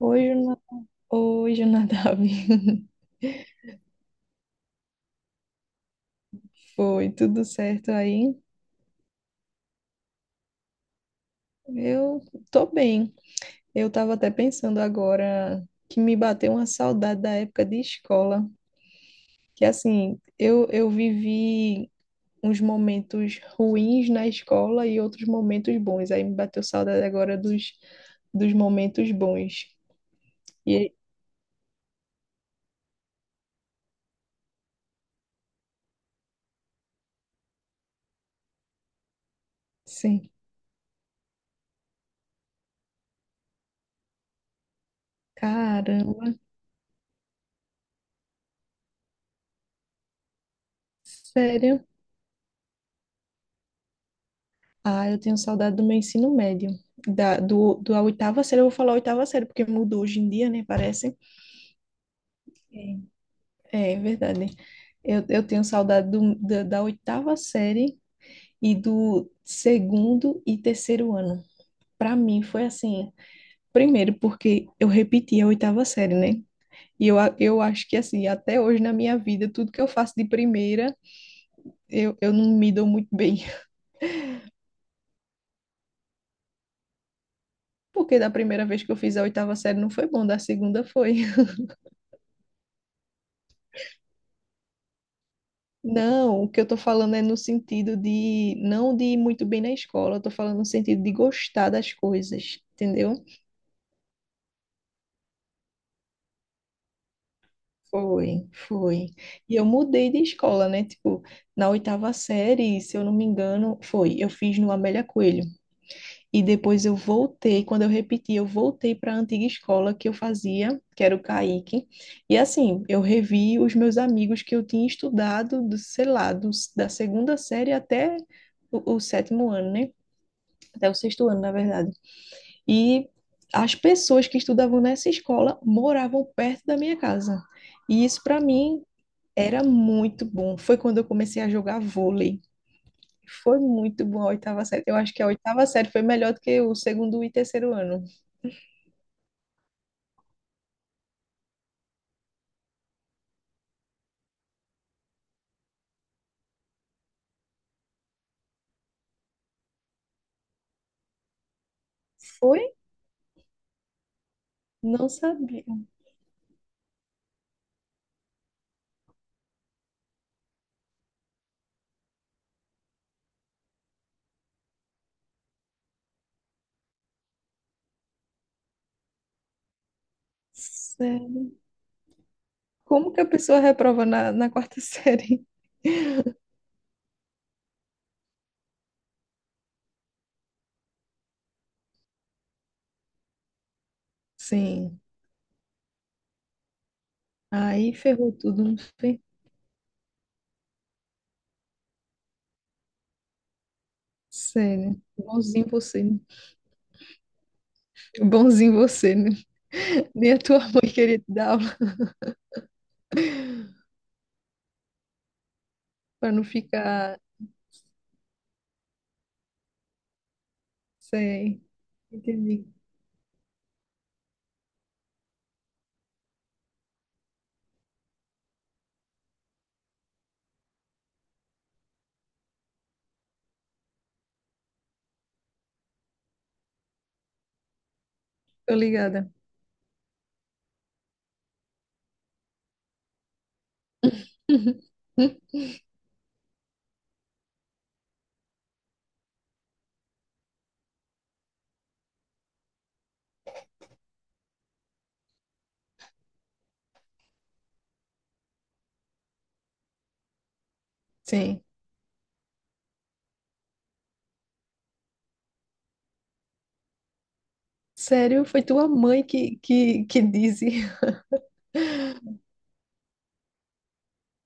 Oi, Juna- Oi, Jonadab. Foi tudo certo aí? Eu tô bem. Eu tava até pensando agora que me bateu uma saudade da época de escola, que assim, eu vivi uns momentos ruins na escola e outros momentos bons. Aí me bateu saudade agora dos momentos bons. E sim, caramba, sério. Ah, eu tenho saudade do meu ensino médio. Da, do, do a oitava série, eu vou falar oitava série, porque mudou hoje em dia, né? Parece. É. É, é verdade. Eu tenho saudade da oitava série e do segundo e terceiro ano. Para mim foi assim, primeiro porque eu repeti a oitava série, né? E eu acho que assim, até hoje na minha vida, tudo que eu faço de primeira, eu não me dou muito bem. Porque da primeira vez que eu fiz a oitava série não foi bom, da segunda foi. Não, o que eu tô falando é no sentido de não de ir muito bem na escola, eu tô falando no sentido de gostar das coisas, entendeu? Foi, foi. E eu mudei de escola, né? Tipo, na oitava série, se eu não me engano, foi. Eu fiz no Amélia Coelho. E depois eu voltei, quando eu repeti, eu voltei para a antiga escola que eu fazia, que era o Caíque. E assim, eu revi os meus amigos que eu tinha estudado, do, sei lá, da segunda série até o sétimo ano, né? Até o sexto ano, na verdade. E as pessoas que estudavam nessa escola moravam perto da minha casa. E isso para mim era muito bom. Foi quando eu comecei a jogar vôlei. Foi muito bom a oitava série. Eu acho que a oitava série foi melhor do que o segundo e terceiro ano. Foi? Não sabia. Sério. Como que a pessoa reprova na, na quarta série? Sim. Aí ferrou tudo, não foi? Sério. Bonzinho você, né? Bonzinho você, né? Nem a tua mãe queria te dar aula para não ficar sem. Entendi. Tô ligada. Uhum. Hum? Sim. Sério, foi tua mãe que, que disse.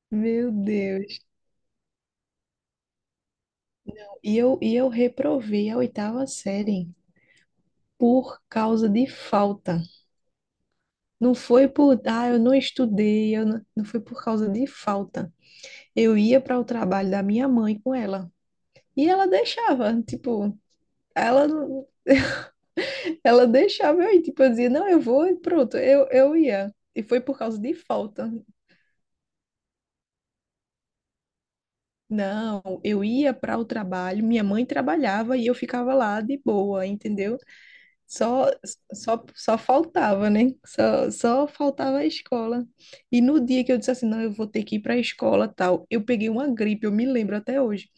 Meu Deus. E eu reprovei a oitava série por causa de falta. Não foi por, ah, eu não estudei, eu não, não foi por causa de falta. Eu ia para o trabalho da minha mãe com ela. E ela deixava, tipo, ela não. Ela deixava eu ir, tipo, eu dizia, não, eu vou e pronto, eu ia. E foi por causa de falta. Não, eu ia para o trabalho, minha mãe trabalhava e eu ficava lá de boa, entendeu? Só, só faltava, né? Só faltava a escola. E no dia que eu disse assim, não, eu vou ter que ir para a escola, tal, eu peguei uma gripe, eu me lembro até hoje.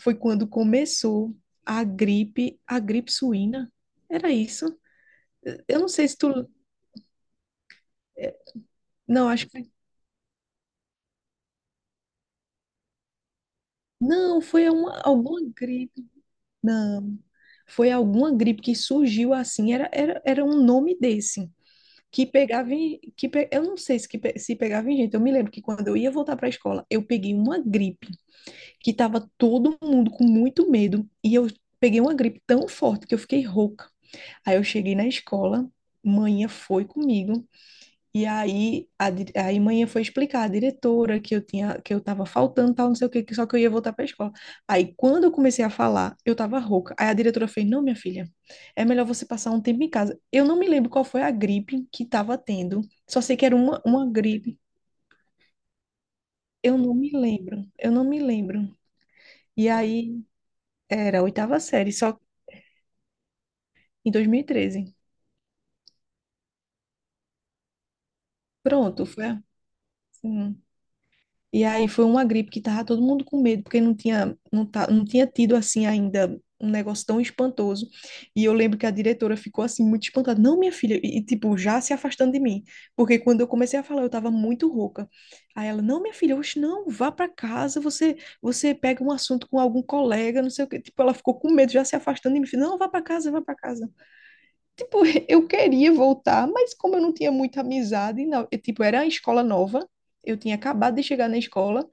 Foi quando começou a gripe suína. Era isso? Eu não sei se tu. eh, Não, acho não, foi alguma gripe. Não, foi alguma gripe que surgiu assim. Era um nome desse. Que pegava em. Eu não sei se, se pegava em gente. Eu me lembro que quando eu ia voltar para a escola, eu peguei uma gripe que tava todo mundo com muito medo. E eu peguei uma gripe tão forte que eu fiquei rouca. Aí eu cheguei na escola, manhã foi comigo. E aí aí manhã foi explicar à diretora que eu tinha que eu tava faltando, tal, não sei o quê, que só que eu ia voltar para a escola. Aí quando eu comecei a falar, eu tava rouca. Aí a diretora fez: "Não, minha filha, é melhor você passar um tempo em casa". Eu não me lembro qual foi a gripe que tava tendo. Só sei que era uma gripe. Eu não me lembro. Eu não me lembro. E aí era a oitava série, só em 2013. Pronto, foi assim. E aí foi uma gripe que tava todo mundo com medo, porque não tinha, não, tá, não tinha tido assim ainda um negócio tão espantoso. E eu lembro que a diretora ficou assim muito espantada. Não, minha filha, e tipo, já se afastando de mim, porque quando eu comecei a falar, eu tava muito rouca. Aí ela, não, minha filha, hoje não, vá para casa, você pega um assunto com algum colega, não sei o quê. Tipo, ela ficou com medo, já se afastando de mim, não, vá para casa, vá para casa. Tipo, eu queria voltar, mas como eu não tinha muita amizade, não, eu, tipo, era a escola nova, eu tinha acabado de chegar na escola.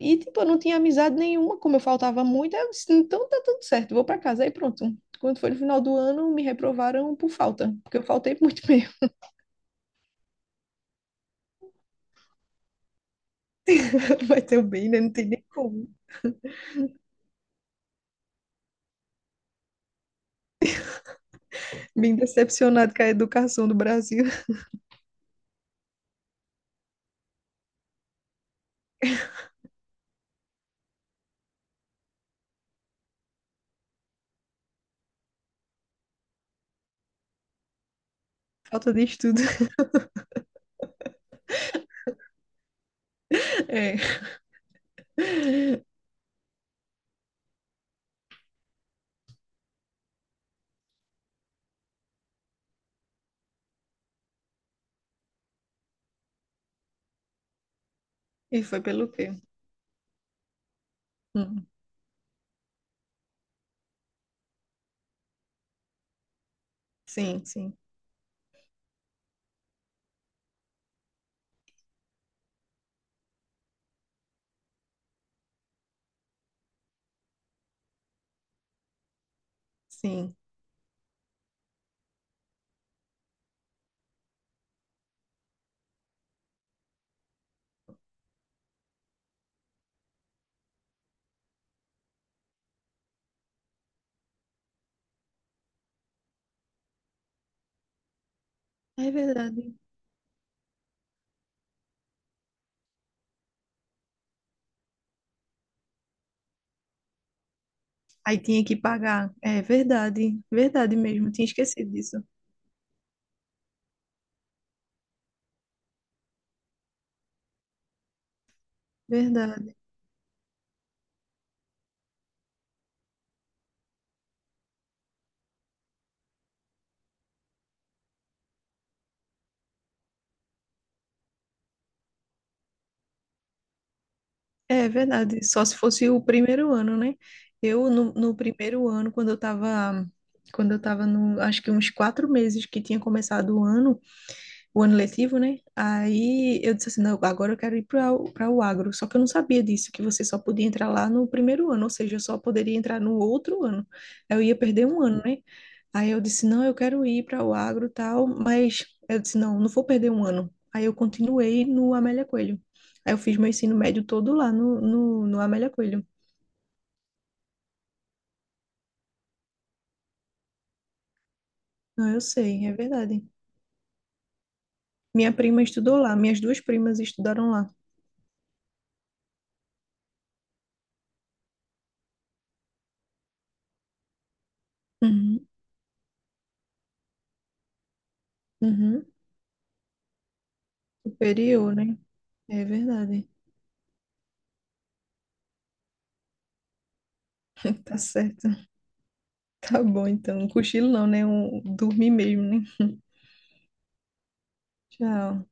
E, tipo, eu não tinha amizade nenhuma, como eu faltava muito, aí eu disse, então tá tudo certo, vou pra casa, aí pronto. Quando foi no final do ano, me reprovaram por falta, porque eu faltei muito mesmo. Vai ter o bem, né? Não tem nem como. Bem decepcionado com a educação do Brasil. Falta de estudo. É. E foi pelo quê? Hum, Sim, sim, sim. É verdade. Aí tinha que pagar. É verdade, verdade mesmo. Tinha esquecido disso. Verdade. É verdade, só se fosse o primeiro ano, né? Eu, no, no primeiro ano, quando eu tava no, acho que uns 4 meses que tinha começado o ano letivo, né? Aí eu disse assim, não, agora eu quero ir para o agro. Só que eu não sabia disso, que você só podia entrar lá no primeiro ano, ou seja, eu só poderia entrar no outro ano. Aí eu ia perder um ano, né? Aí eu disse, não, eu quero ir para o agro e tal, mas eu disse, não, não vou perder um ano. Aí eu continuei no Amélia Coelho. Aí eu fiz meu ensino médio todo lá no, no Amélia Coelho. Não, eu sei, é verdade. Minha prima estudou lá, minhas duas primas estudaram lá. Uhum, uhum. Superior, né? É verdade. Tá certo. Tá bom, então. Um cochilo não, né? Um, dormir mesmo, né? Tchau.